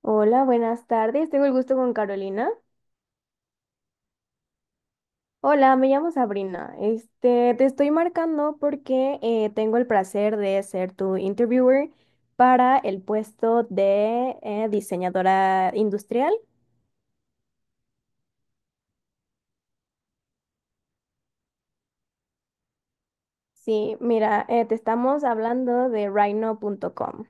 Hola, buenas tardes. Tengo el gusto con Carolina. Hola, me llamo Sabrina. Este, te estoy marcando porque tengo el placer de ser tu interviewer para el puesto de diseñadora industrial. Sí, mira, te estamos hablando de Rhino.com.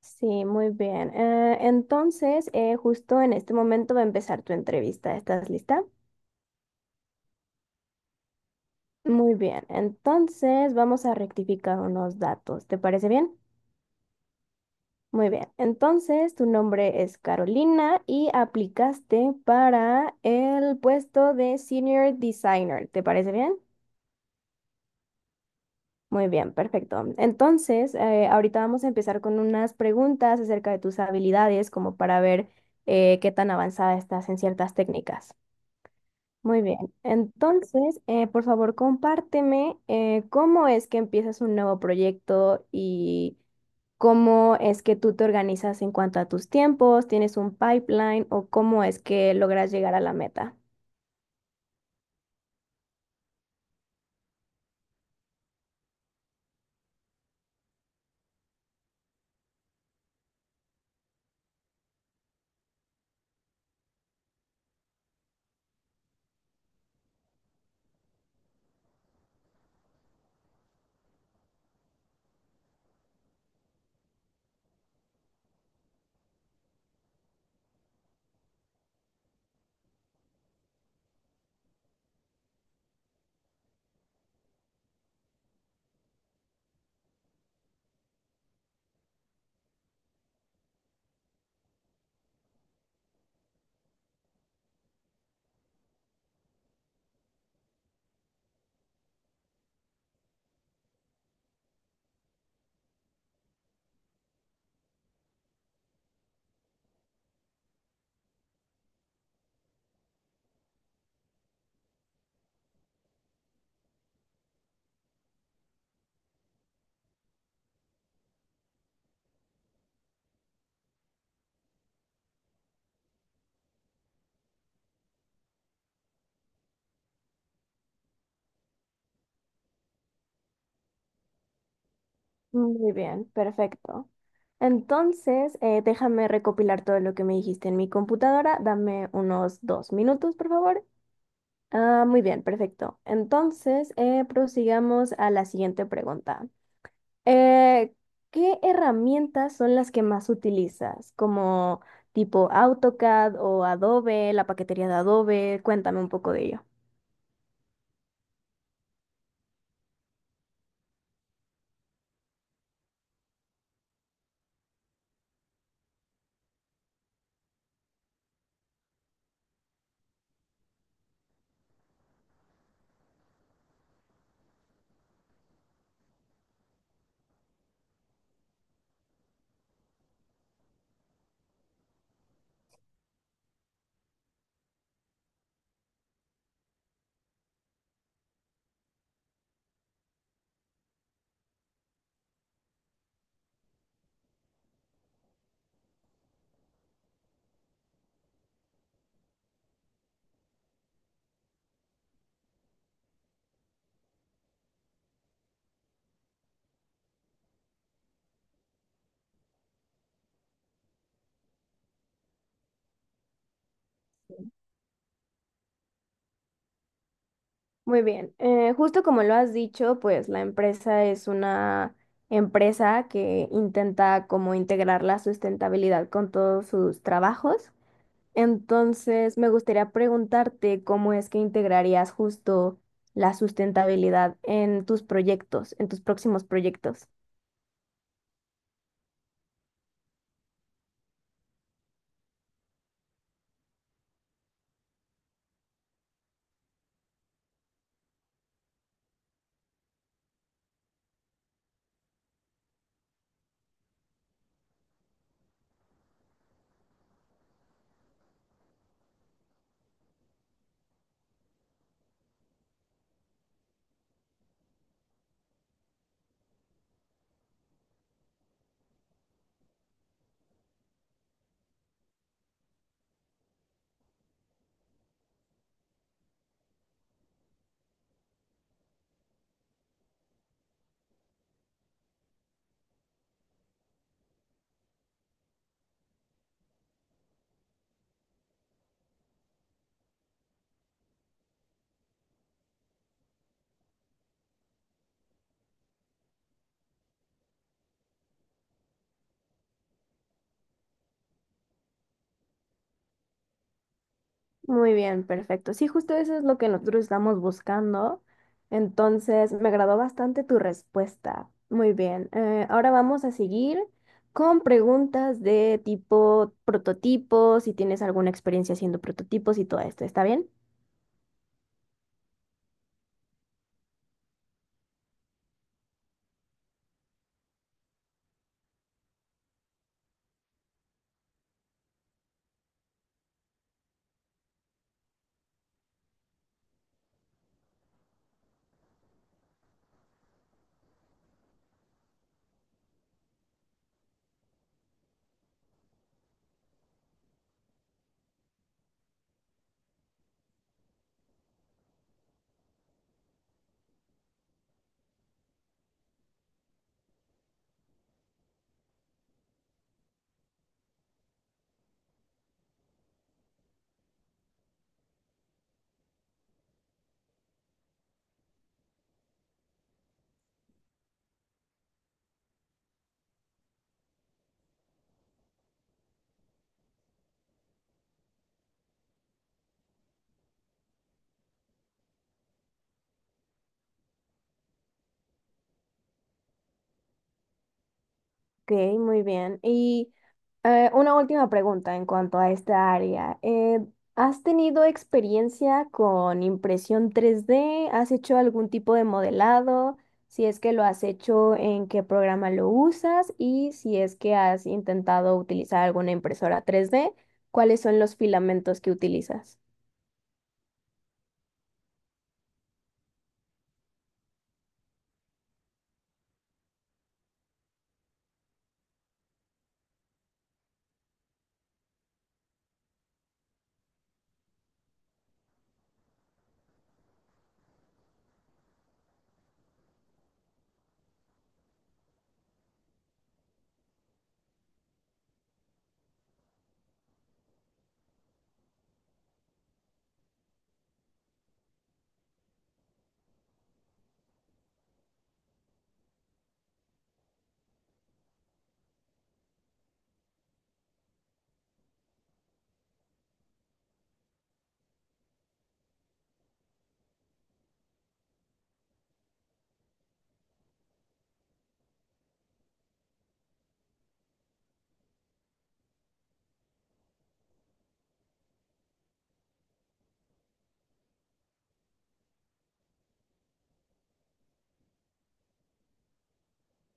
Sí, muy bien. Entonces, justo en este momento va a empezar tu entrevista. ¿Estás lista? Muy bien. Entonces, vamos a rectificar unos datos. ¿Te parece bien? Muy bien, entonces tu nombre es Carolina y aplicaste para el puesto de Senior Designer. ¿Te parece bien? Muy bien, perfecto. Entonces, ahorita vamos a empezar con unas preguntas acerca de tus habilidades, como para ver qué tan avanzada estás en ciertas técnicas. Muy bien. Entonces, por favor, compárteme cómo es que empiezas un nuevo proyecto y cómo es que tú te organizas en cuanto a tus tiempos, tienes un pipeline o cómo es que logras llegar a la meta. Muy bien, perfecto. Entonces, déjame recopilar todo lo que me dijiste en mi computadora. Dame unos 2 minutos, por favor. Ah, muy bien, perfecto. Entonces, prosigamos a la siguiente pregunta. Eh, ¿Qué herramientas son las que más utilizas? Como tipo AutoCAD o Adobe, la paquetería de Adobe. Cuéntame un poco de ello. Muy bien, justo como lo has dicho, pues la empresa es una empresa que intenta como integrar la sustentabilidad con todos sus trabajos. Entonces, me gustaría preguntarte cómo es que integrarías justo la sustentabilidad en tus proyectos, en tus próximos proyectos. Muy bien, perfecto. Sí, justo eso es lo que nosotros estamos buscando. Entonces, me agradó bastante tu respuesta. Muy bien. Ahora vamos a seguir con preguntas de tipo prototipos, si tienes alguna experiencia haciendo prototipos y todo esto. ¿Está bien? Ok, muy bien. Y una última pregunta en cuanto a esta área. ¿Has tenido experiencia con impresión 3D? ¿Has hecho algún tipo de modelado? Si es que lo has hecho, ¿en qué programa lo usas? Y si es que has intentado utilizar alguna impresora 3D, ¿cuáles son los filamentos que utilizas?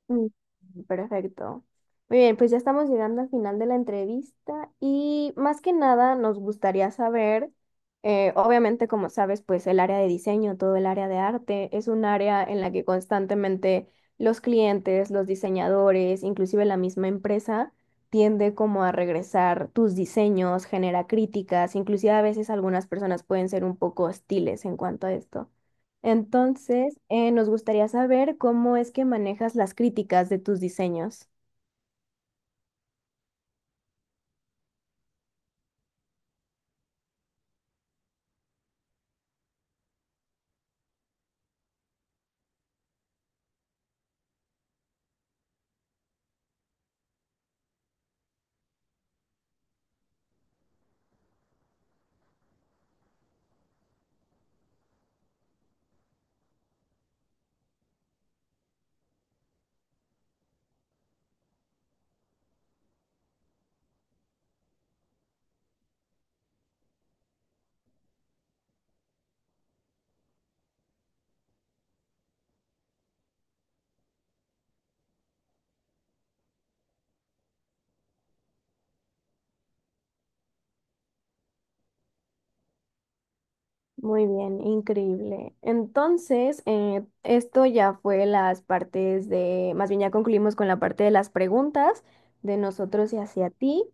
Mm, Perfecto. Muy bien, pues ya estamos llegando al final de la entrevista y más que nada nos gustaría saber, obviamente como sabes, pues el área de diseño, todo el área de arte es un área en la que constantemente los clientes, los diseñadores, inclusive la misma empresa tiende como a regresar tus diseños, genera críticas, inclusive a veces algunas personas pueden ser un poco hostiles en cuanto a esto. Entonces, nos gustaría saber cómo es que manejas las críticas de tus diseños. Muy bien, increíble. Entonces, esto ya fue las partes de, más bien ya concluimos con la parte de las preguntas de nosotros y hacia ti.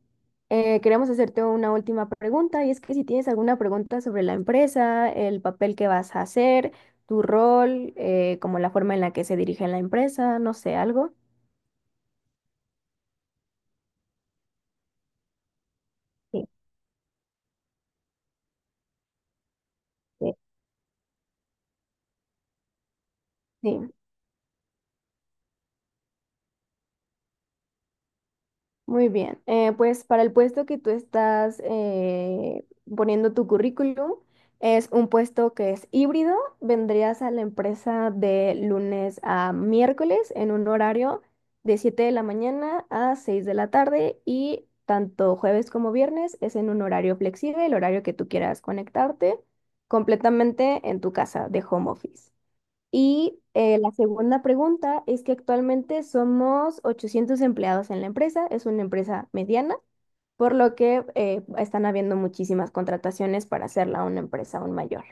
Queremos hacerte una última pregunta y es que si tienes alguna pregunta sobre la empresa, el papel que vas a hacer, tu rol, como la forma en la que se dirige la empresa, no sé, algo. Sí, sí. Sí. Muy bien, pues para el puesto que tú estás poniendo tu currículum, es un puesto que es híbrido. Vendrías a la empresa de lunes a miércoles en un horario de 7 de la mañana a 6 de la tarde y tanto jueves como viernes es en un horario flexible, el horario que tú quieras conectarte completamente en tu casa de home office. Y la segunda pregunta es que actualmente somos 800 empleados en la empresa, es una empresa mediana, por lo que están habiendo muchísimas contrataciones para hacerla una empresa aún mayor.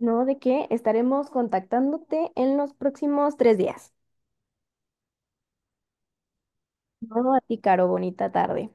No, de que estaremos contactándote en los próximos 3 días. No, a ti, Caro, bonita tarde.